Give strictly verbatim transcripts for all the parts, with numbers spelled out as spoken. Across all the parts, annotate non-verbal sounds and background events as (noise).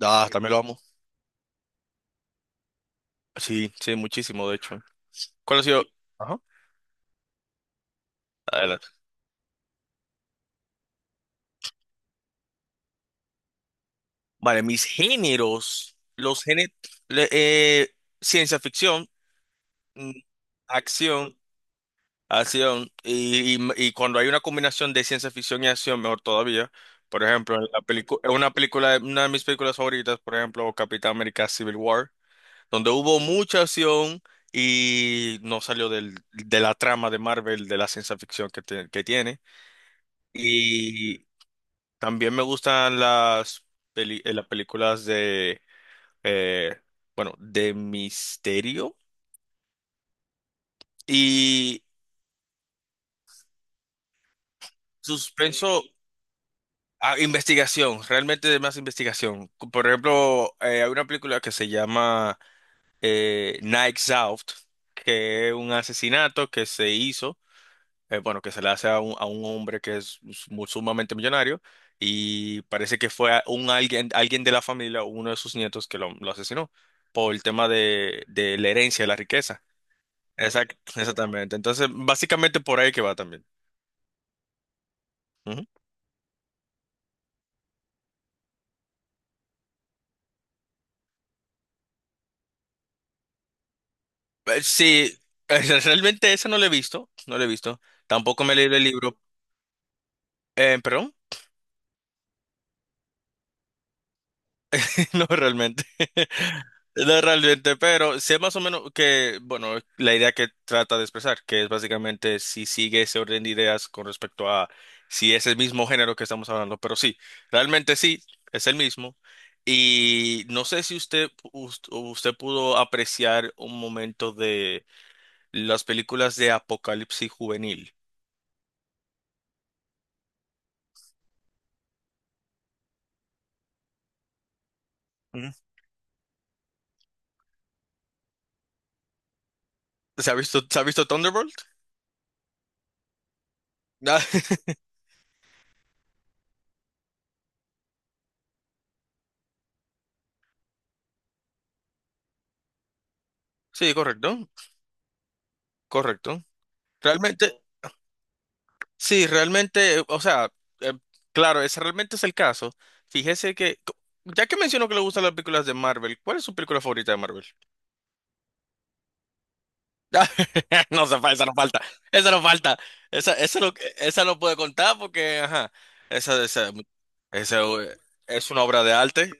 Ah, también lo amo. Sí, sí, muchísimo, de hecho. ¿Cuál ha sido? Adelante. Vale, mis géneros. Los géneros. Ciencia ficción, mm, acción, acción. Y, y- y cuando hay una combinación de ciencia ficción y acción, mejor todavía. Por ejemplo, en la pelicu- en una película, una de mis películas favoritas, por ejemplo, Capitán América Civil War, donde hubo mucha acción y no salió del, de la trama de Marvel, de la ciencia ficción que, te- que tiene. También me gustan las, peli- eh, las películas de, eh, bueno, de misterio y suspenso a investigación, realmente de más investigación. Por ejemplo, eh, hay una película que se llama eh, Knives Out, que es un asesinato que se hizo. Eh, bueno, que se le hace a un, a un hombre que es mu- sumamente millonario y parece que fue a- un alguien, alguien de la familia, uno de sus nietos que lo, lo asesinó por el tema de, de la herencia, de la riqueza. Exact- exactamente. Entonces, básicamente por ahí que va también. Ujú. Eh, Sí, (laughs) eh, realmente ese no lo he visto, no lo he visto. Tampoco me he leído el libro. Eh, ¿perdón? No, realmente. (laughs) No, realmente, pero sé más o menos que, bueno, la idea que trata de expresar, que es básicamente si sigue ese orden de ideas con respecto a si es el mismo género que estamos hablando, pero sí, realmente sí, es el mismo. Y no sé si usted, us- usted pudo apreciar un momento de las películas de apocalipsis juvenil. Ujú. ¿Se ha visto, se ha visto Thunderbolt? (laughs) Sí, correcto, correcto. Realmente. Sí, realmente, o sea, eh, claro, ese realmente es el caso. Fíjese que, co- ya que mencionó que le gustan las películas de Marvel, ¿cuál es su película favorita de Marvel? (laughs) No, se fa- esa no falta, esa no falta, esa, esa no, esa no puede contar porque, ajá, esa, esa, esa eh, es una obra de arte.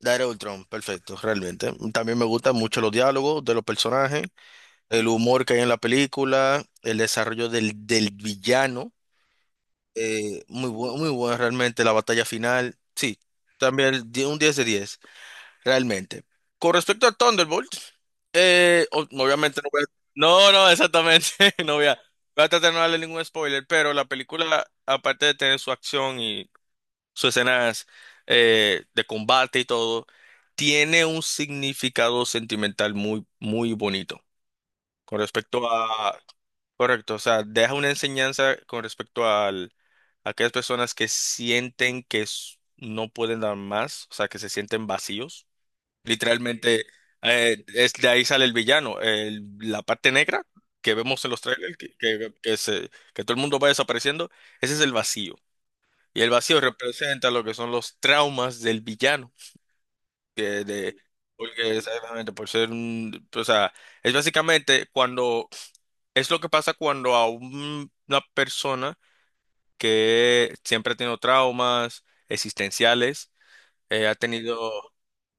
La era de Ultron, perfecto, realmente. También me gustan mucho los diálogos de los personajes, el humor que hay en la película, el desarrollo del, del villano. Eh, muy bueno, muy bueno realmente la batalla final. Sí, también di- un diez de diez realmente. Con respecto a Thunderbolt, eh, o- obviamente no voy a... No, no, exactamente. (laughs) No voy a, voy a tratar de no darle ningún spoiler, pero la película, aparte de tener su acción y sus escenas eh, de combate y todo, tiene un significado sentimental muy, muy bonito. Con respecto a correcto, o sea, deja una enseñanza con respecto al, a aquellas personas que sienten que s- no pueden dar más, o sea, que se sienten vacíos. Literalmente, eh, es de ahí sale el villano, el- la parte negra que vemos en los trailers, que, que, que se, que todo el mundo va desapareciendo, ese es el vacío. Y el vacío representa lo que son los traumas del villano, que de, porque exactamente, por ser un, o sea, es básicamente cuando es lo que pasa cuando a un- una persona que siempre ha tenido traumas existenciales, eh, ha tenido,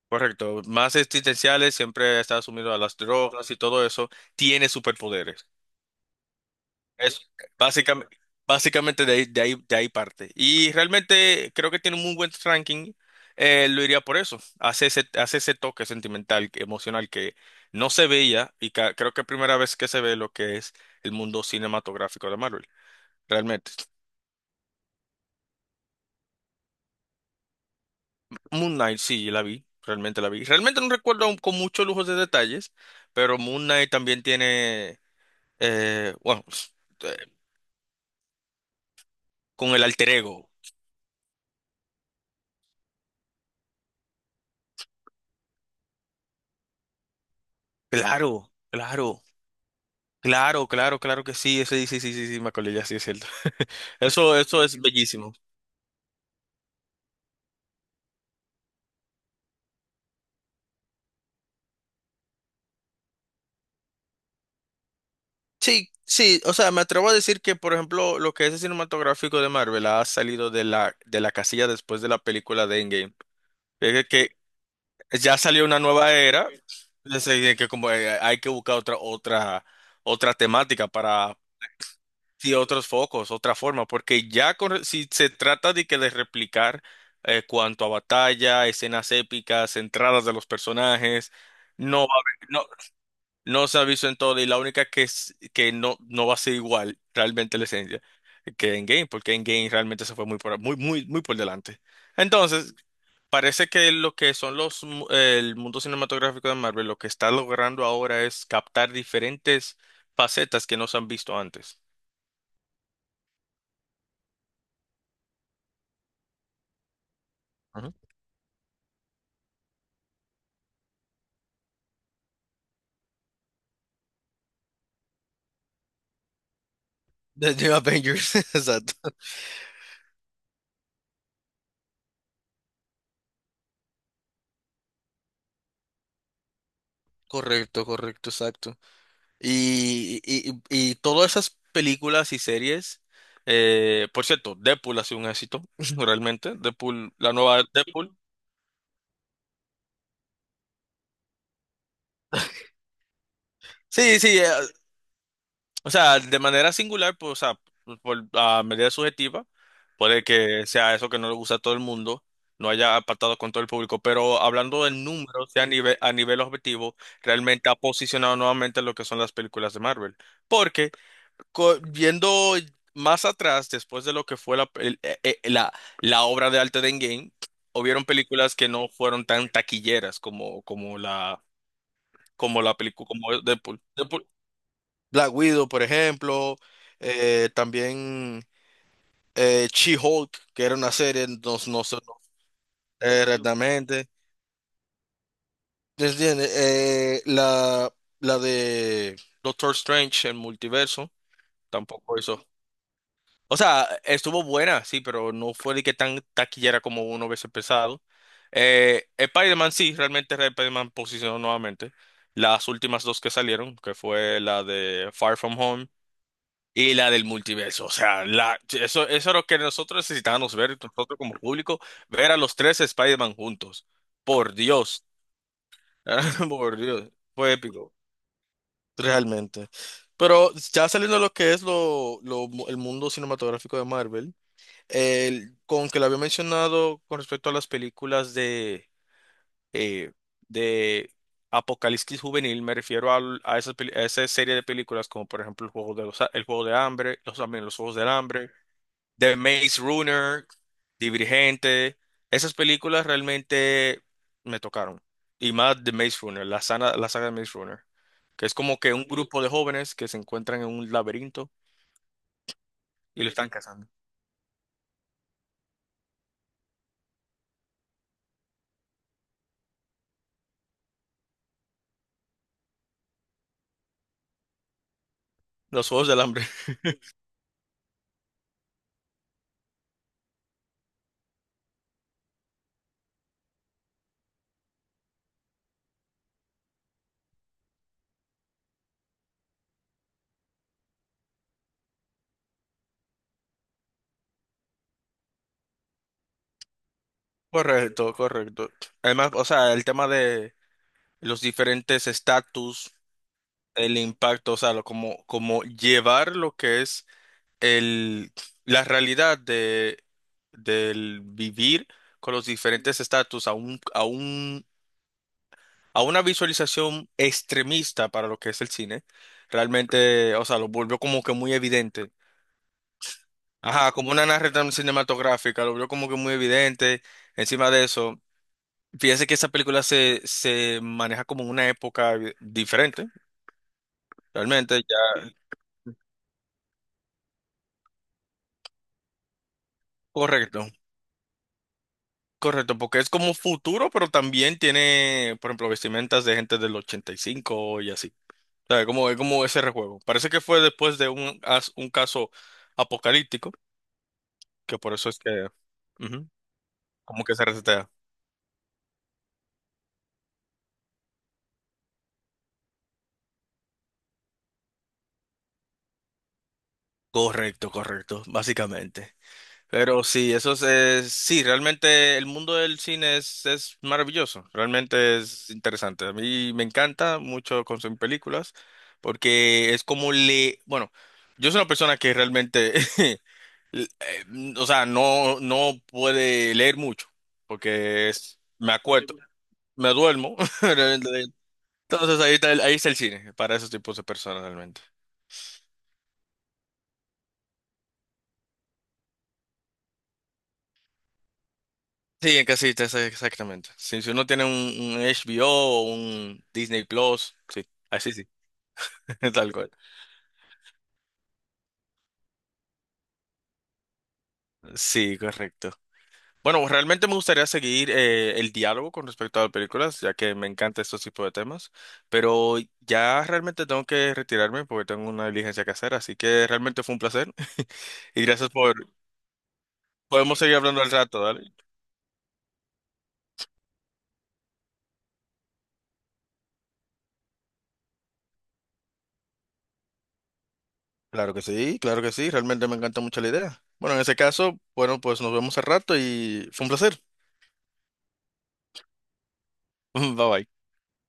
correcto, más existenciales, siempre está sumido a las drogas y todo eso, tiene superpoderes. Es básicamente, básicamente de ahí, de ahí, de ahí parte. Y realmente creo que tiene un muy buen ranking, eh, lo iría por eso. Hace ese, hace ese toque sentimental, que- emocional que no se veía y ca- creo que es primera vez que se ve lo que es el mundo cinematográfico de Marvel. Realmente. Moon Knight, sí, la vi, realmente la vi. Realmente no recuerdo aún con muchos lujos de detalles, pero Moon Knight también tiene, eh, bueno, (sniffs) eh, con el alter ego. Claro, claro, claro, claro, claro que sí, ese, sí, sí, sí, sí, me acordé, ya sí es cierto. (laughs) Eso, eso es bellísimo. Sí, sí, o sea, me atrevo a decir que, por ejemplo, lo que es el cinematográfico de Marvel ha salido de la, de la casilla después de la película de Endgame. Fíjate que, ya salió una nueva era, entonces, eh, que como eh, hay que buscar otra otra otra temática para y otros focos, otra forma, porque ya con- re- si se trata de que de replicar eh, cuanto a batalla, escenas épicas, entradas de los personajes, no va a haber- no no se ha visto en todo y la única que es, que no no va a ser igual realmente la esencia que en game, porque en game realmente se fue muy por muy muy muy por delante. Entonces parece que lo que son los, mu- el mundo cinematográfico de Marvel, lo que está logrando ahora es captar diferentes facetas que no se han visto antes. Ujú. De New Avengers, (laughs) exacto. Correcto, correcto, exacto. Y, y, y- y todas esas películas y series, eh, por cierto, Deadpool ha sido un éxito, (laughs) realmente. Deadpool, la nueva Deadpool. Sí, sí, eh, o sea, de manera singular, pues, o sea, por, a medida subjetiva, puede que sea eso que no le gusta a todo el mundo, no haya apartado con todo el público, pero hablando en números, sea a nivel, a nivel objetivo, realmente ha posicionado nuevamente lo que son las películas de Marvel. Porque co- viendo más atrás, después de lo que fue la, el- eh, eh, la, la obra de arte de Endgame, hubieron películas que no fueron tan taquilleras como, como la, como la película, como Deadpool. Black Widow, por ejemplo, eh, también eh, She-Hulk, que era una serie, no, no sé no, exactamente. ¿Te entiendes? Eh, la, la de Doctor Strange, el multiverso, tampoco hizo. O sea, estuvo buena, sí, pero no fue de que tan taquillera como uno hubiese pensado. Eh, Spider-Man, sí, realmente Spider-Man posicionó nuevamente. Las últimas dos que salieron, que fue la de Far From Home y la del multiverso, o sea, la, eso, eso es lo que nosotros necesitábamos ver, nosotros como público, ver a los tres Spider-Man juntos. Por Dios, (laughs) por Dios, fue épico, realmente. Pero ya saliendo de lo que es lo, lo- el mundo cinematográfico de Marvel, el- con que lo había mencionado con respecto a las películas de, eh, de Apocalipsis Juvenil, me refiero al- a, esa, a esa serie de películas como por ejemplo El Juego de, los, el Juego de Hambre, los, también Los Juegos del Hambre. The Maze Runner, Divergente, esas películas realmente me tocaron. Y más The Maze Runner, la saga, la saga de Maze Runner, que es como que un grupo de jóvenes que se encuentran en un laberinto y lo están cazando. Los Juegos del Hambre. (laughs) Correcto, correcto. Además, o sea, el tema de los diferentes estatus, el impacto, o sea, lo- como, como llevar lo que es el, la realidad de, del vivir con los diferentes estatus a un, a un, a una visualización extremista para lo que es el cine, realmente, o sea, lo volvió como que muy evidente. Ajá, como una narrativa cinematográfica, lo volvió como que muy evidente. Encima de eso, fíjese que esa película se, se maneja como en una época eh, diferente, realmente, ya correcto. Correcto, porque es como futuro, pero también tiene, por ejemplo, vestimentas de gente del ochenta y cinco y cinco y así. O sea, como, es como ese rejuego. Parece que fue después de un, as- un caso apocalíptico, que por eso es que, ujú, como que se resetea. Correcto, correcto, básicamente. Pero sí, eso es, es- sí, realmente el mundo del cine es, es maravilloso, realmente es interesante. A mí me encanta mucho consumir películas, porque es como le, bueno, yo soy una persona que realmente (laughs) l- eh, o sea, no, no puede leer mucho, porque es- me acuerdo, me duermo. (laughs) Realmente. Entonces ahí está el, ahí está el cine, para esos tipos de personas realmente. Sí, en casita, esa- exactamente. Si, si uno tiene un, un HBO o o un Disney Plus, sí, así sí, (laughs) tal cual. Sí, correcto. Bueno, realmente me gustaría seguir eh, el diálogo con respecto a las películas, ya que me encanta estos tipos de temas, pero ya realmente tengo que retirarme porque tengo una diligencia que hacer, así que realmente fue un placer (laughs) y gracias por... Podemos seguir hablando al rato, dale. Claro que sí, claro que sí, realmente me encanta mucho la idea. Bueno, en ese caso, bueno, pues nos vemos al rato y fue un placer. (laughs) Bye bye.